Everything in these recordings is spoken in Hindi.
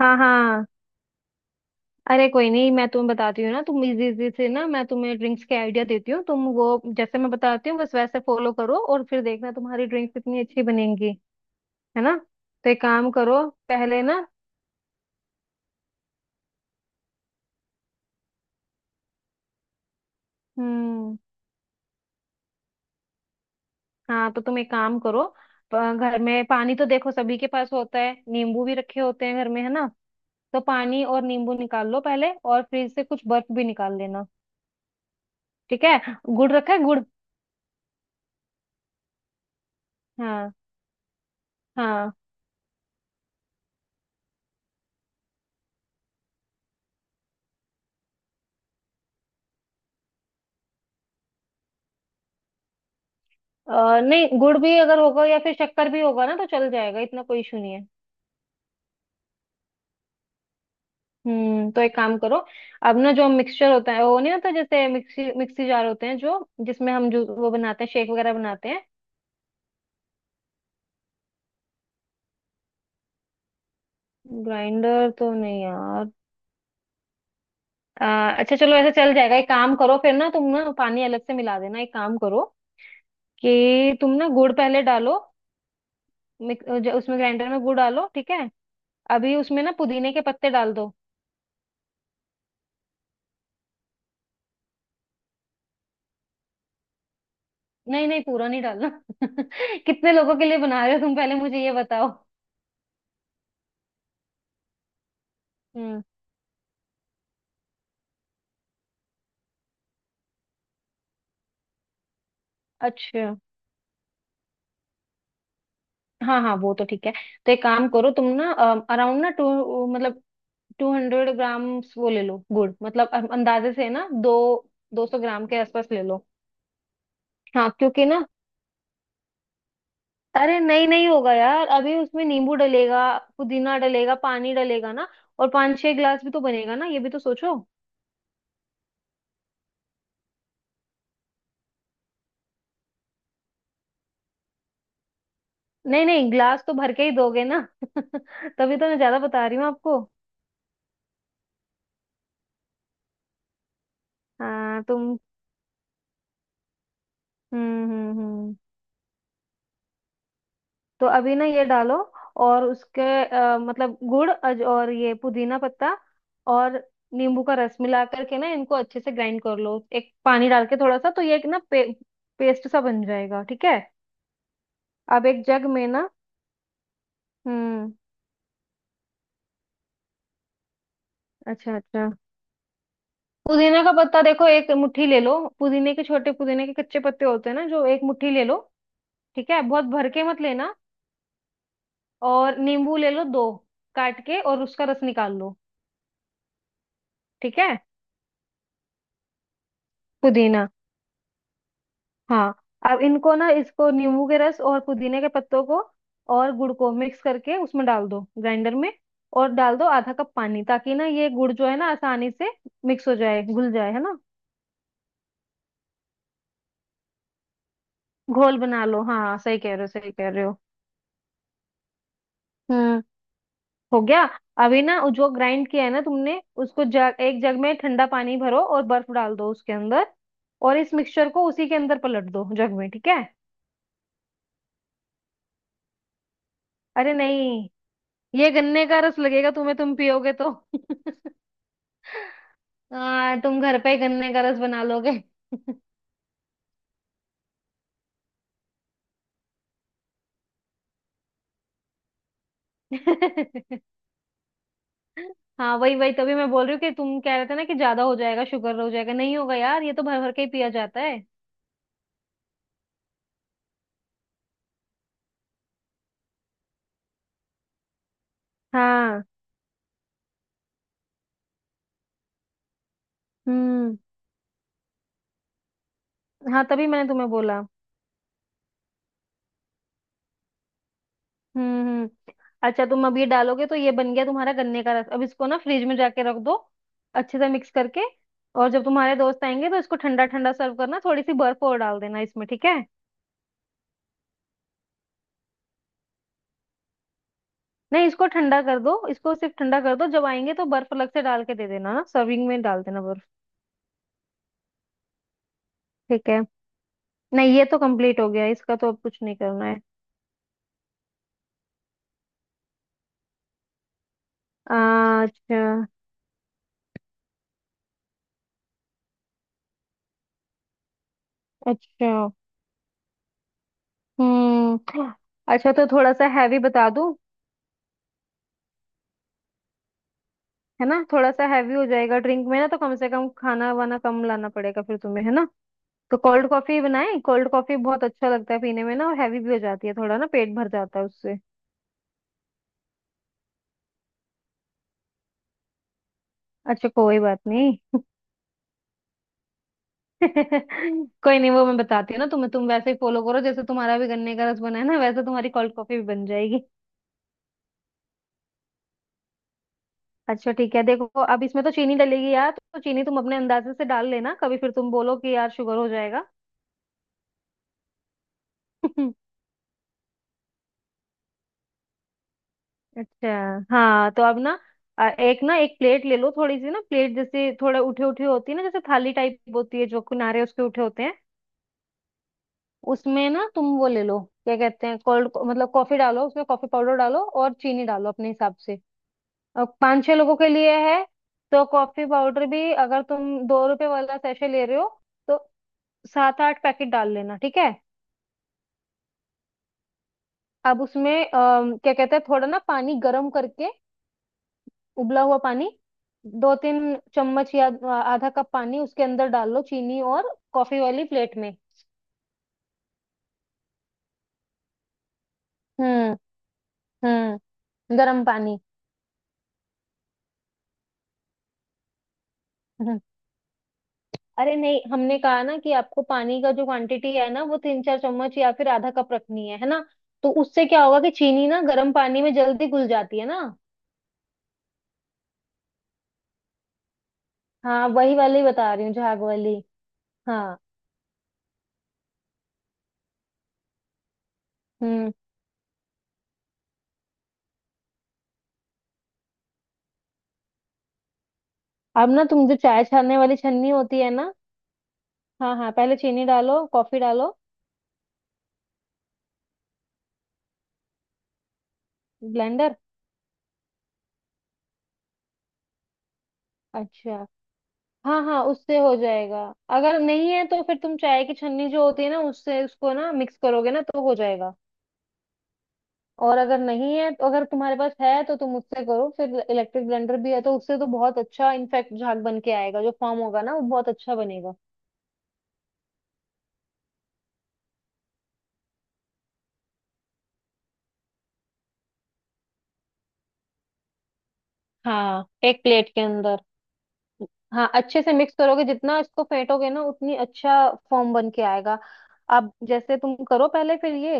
हाँ हाँ। अरे कोई नहीं, मैं तुम्हें बताती हूँ ना, तुम इजी इजी से ना, मैं तुम्हें ड्रिंक्स के आइडिया देती हूँ, तुम वो जैसे मैं बताती हूँ बस वैसे फॉलो करो, और फिर देखना तुम्हारी ड्रिंक्स कितनी अच्छी बनेंगी। है ना? तो एक काम करो, पहले ना। हम्म। हाँ, तो तुम एक काम करो। घर में पानी तो देखो सभी के पास होता है, नींबू भी रखे होते हैं घर में, है ना? तो पानी और नींबू निकाल लो पहले, और फ्रिज से कुछ बर्फ भी निकाल लेना। ठीक है, गुड़ रखा है? गुड़। हाँ हाँ। नहीं, गुड़ भी अगर होगा या फिर शक्कर भी होगा ना, तो चल जाएगा, इतना कोई इशू नहीं है। हम्म, तो एक काम करो। अब ना, जो मिक्सचर होता है वो नहीं होता, जैसे मिक्सी मिक्सी जार होते हैं जो, जिसमें हम जो वो बनाते हैं, शेक वगैरह बनाते हैं। ग्राइंडर तो नहीं यार। अ, अच्छा चलो, ऐसा चल जाएगा, एक काम करो फिर ना, तुम ना पानी अलग से मिला देना। एक काम करो कि तुम ना गुड़ पहले डालो। उसमें ग्राइंडर में गुड़ डालो, ठीक है? अभी उसमें ना पुदीने के पत्ते डाल दो। नहीं नहीं, पूरा नहीं डालना कितने लोगों के लिए बना रहे हो तुम, पहले मुझे ये बताओ। हम्म। अच्छा, हाँ हाँ, वो तो ठीक है। तो एक काम करो तुम ना, अराउंड ना टू मतलब 200 ग्राम्स वो ले लो गुड़, मतलब अंदाजे से ना, दो, 200 ग्राम के आसपास ले लो। हाँ क्योंकि ना, अरे नहीं नहीं होगा यार, अभी उसमें नींबू डलेगा, पुदीना डलेगा, पानी डलेगा ना, और पांच छह गिलास भी तो बनेगा ना, ये भी तो सोचो। नहीं नहीं, गिलास तो भर के ही दोगे ना तभी तो मैं ज्यादा बता रही हूँ आपको। हाँ तुम। हम्म हम्म हम्म। तो अभी ना ये डालो, और उसके मतलब गुड़ अज और ये पुदीना पत्ता और नींबू का रस मिला करके ना, इनको अच्छे से ग्राइंड कर लो, एक पानी डाल के थोड़ा सा, तो ये एक ना पेस्ट सा बन जाएगा, ठीक है? अब एक जग में ना। हम्म। अच्छा अच्छा, पुदीना का पत्ता देखो एक मुट्ठी ले लो, पुदीने के छोटे पुदीने के कच्चे पत्ते होते हैं ना, जो एक मुट्ठी ले लो। ठीक है, बहुत भर के मत लेना। और नींबू ले लो दो, काट के, और उसका रस निकाल लो। ठीक है, पुदीना। हाँ, अब इनको ना, इसको नींबू के रस और पुदीने के पत्तों को और गुड़ को मिक्स करके उसमें डाल दो ग्राइंडर में, और डाल दो आधा कप पानी, ताकि ना ये गुड़ जो है ना आसानी से मिक्स हो जाए, घुल जाए, है ना? घोल बना लो, हाँ सही कह रहे हो, सही कह रहे हो। हम्म, हो गया। अभी ना जो ग्राइंड किया है ना तुमने, उसको जग, एक जग में ठंडा पानी भरो, और बर्फ डाल दो उसके अंदर, और इस मिक्सचर को उसी के अंदर पलट दो जग में, ठीक है? अरे नहीं, ये गन्ने का रस लगेगा तुम्हें तुम पियोगे तो हाँ, तुम घर पे ही गन्ने का रस बना लोगे हाँ वही वही, तभी मैं बोल रही हूँ कि तुम कह रहे थे ना कि ज्यादा हो जाएगा, शुगर हो जाएगा, नहीं होगा यार, ये तो भर भर के ही पिया जाता है। हाँ। हम्म। हाँ तभी मैंने तुम्हें बोला। हम्म। अच्छा तुम अब ये डालोगे तो ये बन गया तुम्हारा गन्ने का रस, अब इसको ना फ्रिज में जाके रख दो अच्छे से मिक्स करके, और जब तुम्हारे दोस्त आएंगे तो इसको ठंडा ठंडा सर्व करना, थोड़ी सी बर्फ और डाल देना इसमें, ठीक है? नहीं, इसको ठंडा कर दो, इसको सिर्फ ठंडा कर दो, जब आएंगे तो बर्फ अलग से डाल के दे देना ना, सर्विंग में डाल देना बर्फ। ठीक है, नहीं ये तो कंप्लीट हो गया, इसका तो अब कुछ नहीं करना है। अच्छा अच्छा। हम्म। अच्छा, तो थोड़ा सा हैवी बता दूं? है ना, थोड़ा सा हैवी हो जाएगा ड्रिंक में ना, तो कम से कम खाना वाना कम लाना पड़ेगा फिर तुम्हें, है ना? तो कोल्ड कॉफी बनाएं? कोल्ड कॉफी बहुत अच्छा लगता है पीने में ना, और हैवी भी हो जाती है थोड़ा, ना पेट भर जाता है उससे। अच्छा कोई बात नहीं कोई नहीं, वो मैं बताती हूँ ना तुम्हें, तुम वैसे ही फॉलो करो जैसे तुम्हारा भी गन्ने का रस बना है ना, वैसे तुम्हारी कोल्ड कॉफी भी बन जाएगी। अच्छा ठीक है देखो, अब इसमें तो चीनी डलेगी यार, तो चीनी तुम अपने अंदाजे से डाल लेना, कभी फिर तुम बोलो कि यार शुगर हो जाएगा अच्छा हाँ, तो अब ना एक ना एक प्लेट ले लो थोड़ी सी ना, प्लेट जैसे थोड़े उठे उठे होती है ना, जैसे थाली टाइप होती है, जो किनारे उसके उठे होते हैं। उसमें ना तुम वो ले लो, क्या कहते हैं, कोल्ड मतलब कॉफी डालो, उसमें कॉफी पाउडर डालो और चीनी डालो अपने हिसाब से। अब पाँच छह लोगों के लिए है, तो कॉफी पाउडर भी अगर तुम दो रुपए वाला सैशे ले रहे हो, तो सात आठ पैकेट डाल लेना, ठीक है? अब उसमें क्या कहते हैं, थोड़ा ना पानी गर्म करके, उबला हुआ पानी, दो तीन चम्मच या आधा कप पानी उसके अंदर डाल लो, चीनी और कॉफी वाली प्लेट में। हम्म हम्म। गर्म पानी। अरे नहीं, हमने कहा ना कि आपको पानी का जो क्वांटिटी है ना, वो तीन चार चम्मच या फिर आधा कप रखनी है ना? तो उससे क्या होगा कि चीनी ना गर्म पानी में जल्दी घुल जाती है ना। हाँ वही वाली बता रही हूँ, झाग वाली। हाँ। हम्म, अब ना तुम जो चाय छानने वाली छन्नी होती है ना, हाँ हाँ, पहले चीनी डालो, कॉफी डालो। ब्लेंडर। अच्छा, हाँ हाँ उससे हो जाएगा। अगर नहीं है तो फिर तुम चाय की छन्नी जो होती है ना उससे, उसको ना मिक्स करोगे ना तो हो जाएगा। और अगर नहीं है तो, अगर तुम्हारे पास है तो तुम उससे करो, फिर इलेक्ट्रिक ब्लेंडर भी है तो उससे तो बहुत अच्छा इनफेक्ट झाग बन के आएगा, जो फॉर्म होगा ना वो बहुत अच्छा बनेगा। हाँ, एक प्लेट के अंदर। हाँ, अच्छे से मिक्स करोगे, जितना इसको फेंटोगे ना उतनी अच्छा फॉर्म बन के आएगा। अब जैसे तुम करो पहले फिर ये,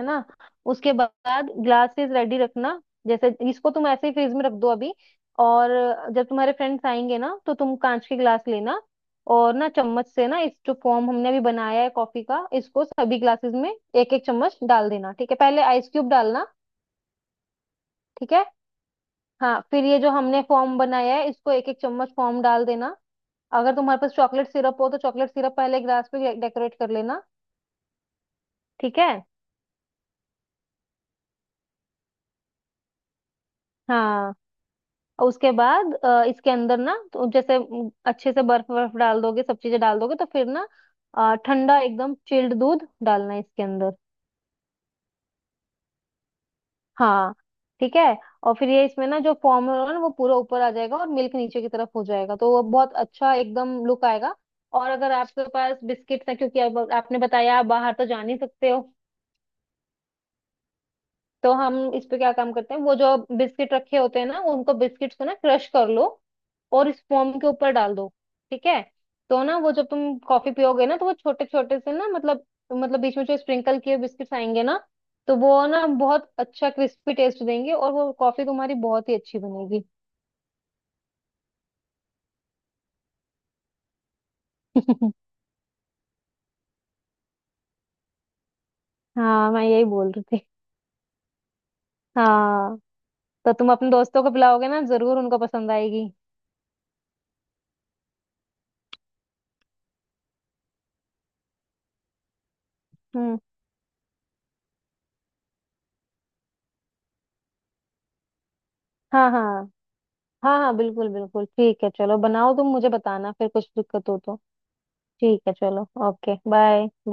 है ना? उसके बाद ग्लासेस रेडी रखना। जैसे इसको तुम ऐसे ही फ्रिज में रख दो अभी, और जब तुम्हारे फ्रेंड्स आएंगे ना, तो तुम कांच के ग्लास लेना, और ना चम्मच से ना इस जो फॉर्म हमने अभी बनाया है कॉफी का, इसको सभी ग्लासेस में एक एक चम्मच डाल देना, ठीक है? पहले आइस क्यूब डालना। ठीक है। हाँ, फिर ये जो हमने फॉर्म बनाया है इसको एक एक चम्मच फॉर्म डाल देना, अगर तुम्हारे पास चॉकलेट सिरप हो तो चॉकलेट सिरप पहले ग्लास पे डेकोरेट कर लेना। ठीक है। हाँ, और उसके बाद इसके अंदर ना तो जैसे अच्छे से बर्फ बर्फ डाल दोगे, सब चीजें डाल दोगे तो फिर ना ठंडा एकदम चिल्ड दूध डालना है इसके अंदर। हाँ ठीक है। और फिर ये इसमें ना जो फॉर्म होगा ना वो पूरा ऊपर आ जाएगा और मिल्क नीचे की तरफ हो जाएगा, तो वो बहुत अच्छा एकदम लुक आएगा। और अगर आपके पास बिस्किट्स हैं, क्योंकि आपने बताया आप बाहर तो जा नहीं सकते हो, तो हम इस पे क्या काम करते हैं, वो जो बिस्किट रखे होते हैं ना, उनको बिस्किट्स को ना क्रश कर लो और इस फोम के ऊपर डाल दो, ठीक है? तो ना वो जब तुम कॉफी पियोगे ना, तो वो छोटे छोटे से ना मतलब, मतलब बीच में जो स्प्रिंकल किए बिस्किट्स आएंगे ना, तो वो ना बहुत अच्छा क्रिस्पी टेस्ट देंगे, और वो कॉफी तुम्हारी बहुत ही अच्छी बनेगी। हाँ मैं यही बोल रही थी। हाँ, तो तुम अपने दोस्तों को पिलाओगे ना, जरूर उनको पसंद आएगी। हम्म। हाँ हाँ। हाँ हाँ बिल्कुल बिल्कुल, ठीक है चलो बनाओ, तुम मुझे बताना फिर कुछ दिक्कत हो तो। ठीक है चलो, ओके बाय।